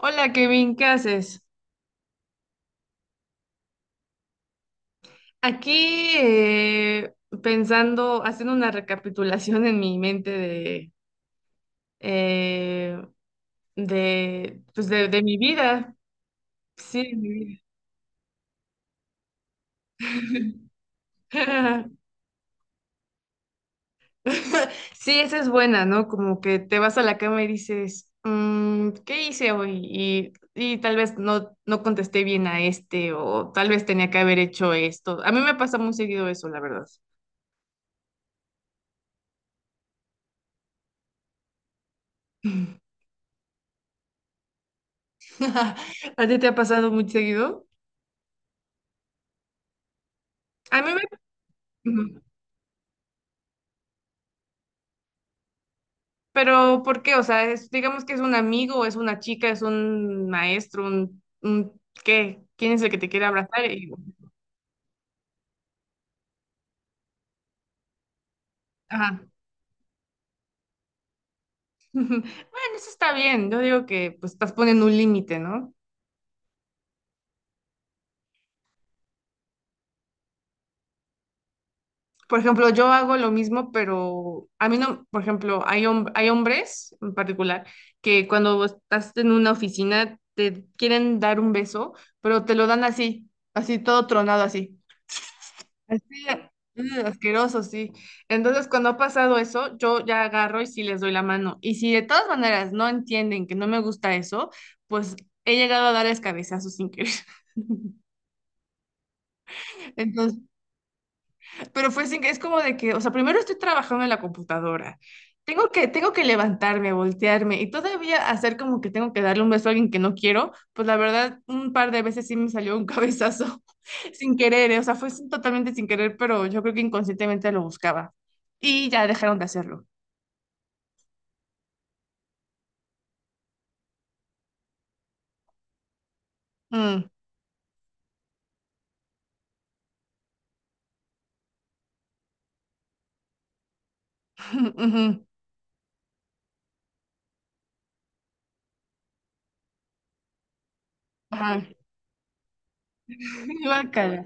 Hola Kevin, ¿qué haces? Aquí pensando, haciendo una recapitulación en mi mente eh, pues de mi vida. Sí, de mi vida. Sí, esa es buena, ¿no? Como que te vas a la cama y dices, "Mm, ¿qué hice hoy? Y tal vez no, no contesté bien a este o tal vez tenía que haber hecho esto." A mí me pasa muy seguido eso, la verdad. ¿A ti te ha pasado muy seguido? A mí me. Ujú. Pero, ¿por qué? O sea, es, digamos que es un amigo, es una chica, es un maestro, un ¿qué? ¿Quién es el que te quiere abrazar? Bueno, ajá. Bueno, eso está bien. Yo digo que pues estás poniendo un límite, ¿no? Por ejemplo, yo hago lo mismo, pero a mí no, por ejemplo, hay hombres en particular que cuando estás en una oficina te quieren dar un beso, pero te lo dan así, así todo tronado así. Así, asqueroso, sí. Entonces, cuando ha pasado eso, yo ya agarro y sí les doy la mano. Y si de todas maneras no entienden que no me gusta eso, pues he llegado a darles cabezazos sin querer. Entonces, pero fue sin que es como de que, o sea, primero estoy trabajando en la computadora. Tengo que levantarme, voltearme y todavía hacer como que tengo que darle un beso a alguien que no quiero. Pues la verdad, un par de veces sí me salió un cabezazo sin querer, ¿eh? O sea, fue totalmente sin querer, pero yo creo que inconscientemente lo buscaba. Y ya dejaron de hacerlo. Mm. Ujú. Ajá. Guácala.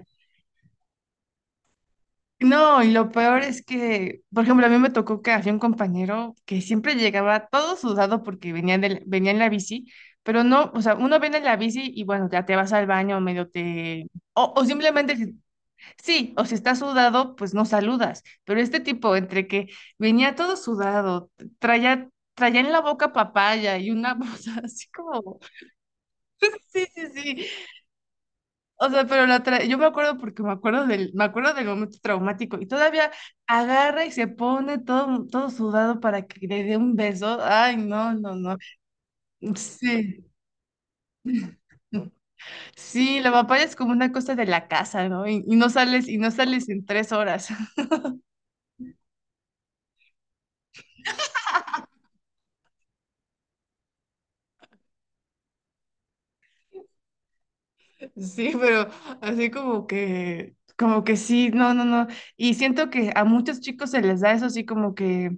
No, y lo peor es que, por ejemplo, a mí me tocó que había un compañero que siempre llegaba todo sudado porque venía en la bici, pero no, o sea, uno viene en la bici y bueno, ya te vas al baño, medio te. O simplemente, sí, o si estás sudado, pues no saludas, pero este tipo, entre que venía todo sudado, traía, traía en la boca papaya y una cosa así como, sí, sí, sí, o sea, pero yo me acuerdo porque me acuerdo del momento traumático y todavía agarra y se pone todo, todo sudado para que le dé un beso. Ay, no, no, no. Sí, sí, la papaya es como una cosa de la casa, ¿no? Y no sales en 3 horas. Sí, pero así como que sí, no, no, no. Y siento que a muchos chicos se les da eso así como que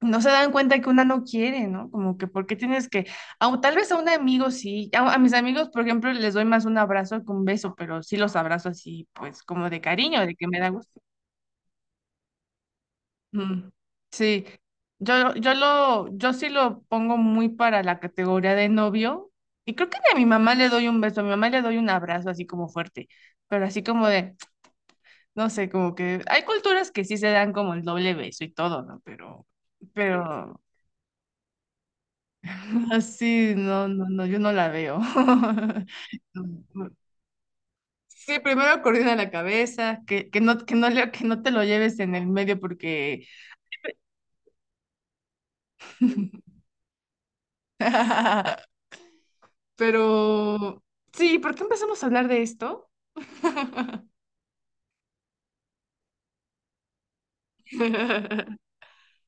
no se dan cuenta que una no quiere, ¿no? Como que, ¿por qué tienes que, tal vez a un amigo sí, a mis amigos, por ejemplo, les doy más un abrazo que un beso, pero sí los abrazo así, pues como de cariño, de que me da gusto. Mm, sí, yo sí lo pongo muy para la categoría de novio, y creo que ni a mi mamá le doy un beso, a mi mamá le doy un abrazo así como fuerte, pero así como de, no sé, como que hay culturas que sí se dan como el doble beso y todo, ¿no? Pero. Así, no, no, no, yo no la veo. Sí, primero coordina la cabeza, que no te lo lleves en el medio porque. Pero sí, ¿por qué empezamos a hablar de esto?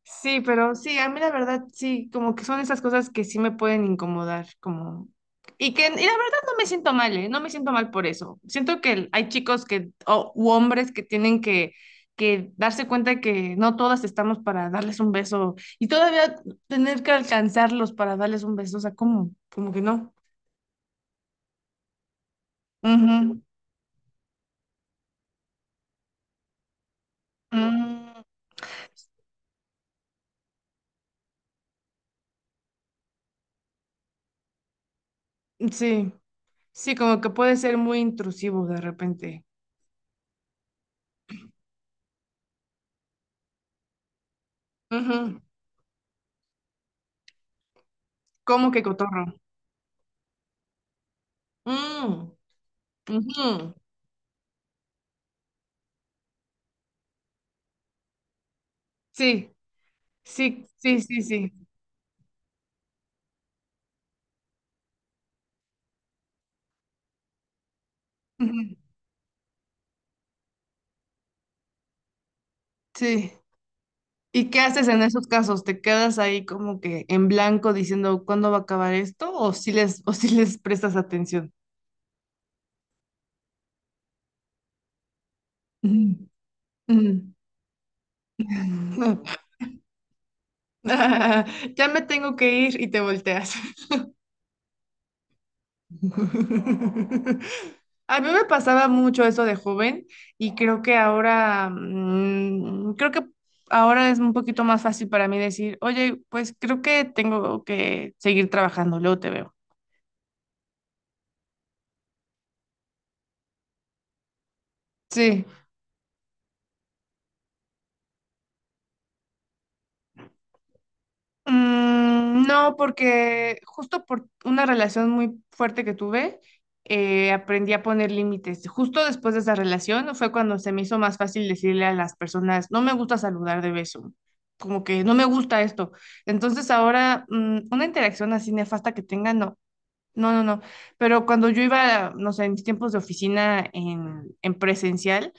Sí, pero sí, a mí la verdad sí, como que son esas cosas que sí me pueden incomodar, como. Y la verdad no me siento mal, ¿eh? No me siento mal por eso. Siento que hay chicos que, o u hombres que tienen que darse cuenta que no todas estamos para darles un beso y todavía tener que alcanzarlos para darles un beso, o sea, ¿cómo? Como que no. Ujú. Mm, sí, sí, como que puede ser muy intrusivo de repente. Ujú. Como que cotorro. Mm, ujú. Sí, sí, sí, sí, sí. Ujú. Sí. ¿Y qué haces en esos casos? ¿Te quedas ahí como que en blanco diciendo cuándo va a acabar esto? ¿O si les prestas atención? Ujú, ujú. Ya me tengo que ir y te volteas. A mí me pasaba mucho eso de joven y creo que ahora es un poquito más fácil para mí decir, oye, pues creo que tengo que seguir trabajando, luego te veo. Sí. Mm, no, porque justo por una relación muy fuerte que tuve, aprendí a poner límites. Justo después de esa relación fue cuando se me hizo más fácil decirle a las personas, no me gusta saludar de beso, como que no me gusta esto. Entonces ahora, una interacción así nefasta que tenga, no, no, no, no. Pero cuando yo iba, no sé, en mis tiempos de oficina en presencial,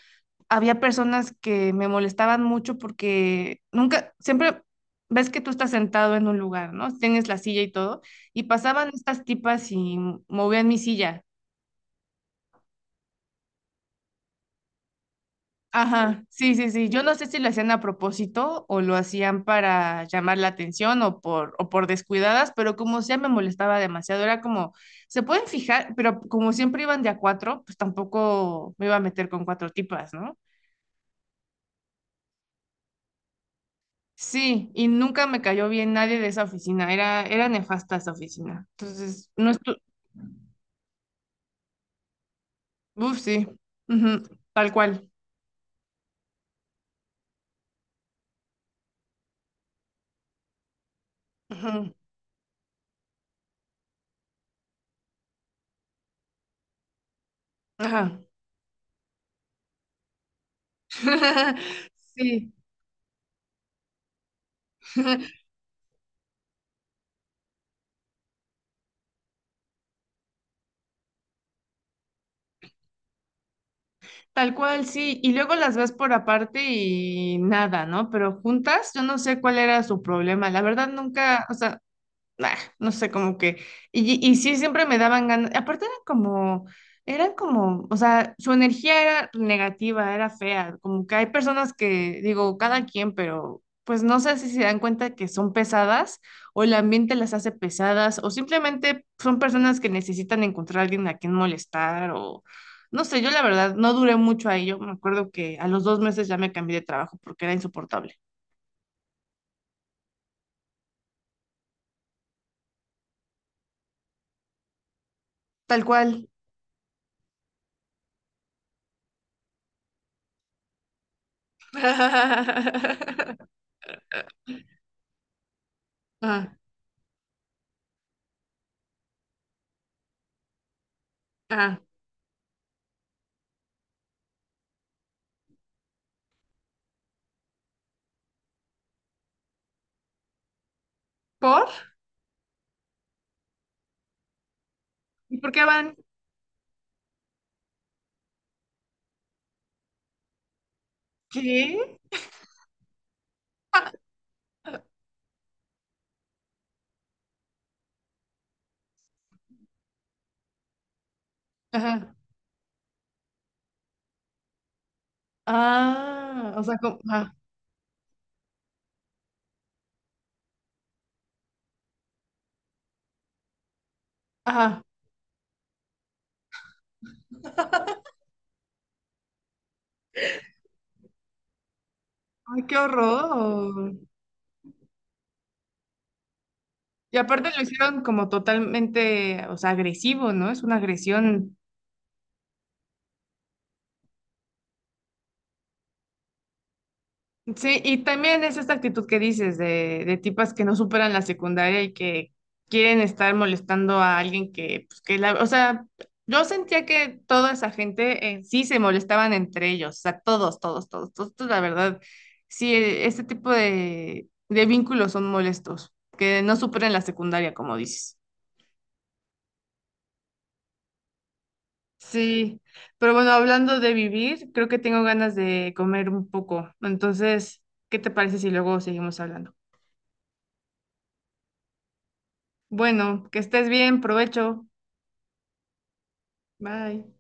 había personas que me molestaban mucho porque nunca, siempre ves que tú estás sentado en un lugar, ¿no? Tienes la silla y todo, y pasaban estas tipas y movían mi silla. Ajá, sí, sí, sí. Yo no sé si lo hacían a propósito o lo hacían para llamar la atención o por descuidadas, pero como sea me molestaba demasiado. Era como, se pueden fijar, pero como siempre iban de a cuatro, pues tampoco me iba a meter con cuatro tipas, ¿no? Sí, y nunca me cayó bien nadie de esa oficina, era nefasta esa oficina. Entonces, no estu. Uf, sí, ujú. Tal cual. Ujú. Ajá. Sí, tal cual, sí. Y luego las ves por aparte y nada, ¿no? Pero juntas, yo no sé cuál era su problema. La verdad, nunca, o sea, nah, no sé, como que, y sí, siempre me daban ganas, aparte eran como, o sea, su energía era negativa, era fea, como que hay personas que, digo, cada quien, pero pues no sé si se dan cuenta que son pesadas o el ambiente las hace pesadas o simplemente son personas que necesitan encontrar a alguien a quien molestar o. No sé, yo la verdad no duré mucho ahí. Yo me acuerdo que a los 2 meses ya me cambié de trabajo porque era insoportable. Tal cual. Ah, ah. ¿Por? ¿Y por qué van? ¿Qué? Ah, ah. Ajá. Ah, o sea, como, ajá, ajá. Ay, qué horror. Y aparte lo hicieron como totalmente, o sea, agresivo, ¿no? Es una agresión. Sí, y también es esta actitud que dices de tipas que no superan la secundaria y que quieren estar molestando a alguien que, pues, que la, o sea, yo sentía que toda esa gente sí se molestaban entre ellos, o sea, todos, todos, todos, todos, todos, la verdad, sí, este tipo de vínculos son molestos, que no superan la secundaria, como dices. Sí, pero bueno, hablando de vivir, creo que tengo ganas de comer un poco, entonces, ¿qué te parece si luego seguimos hablando? Bueno, que estés bien, provecho. Bye.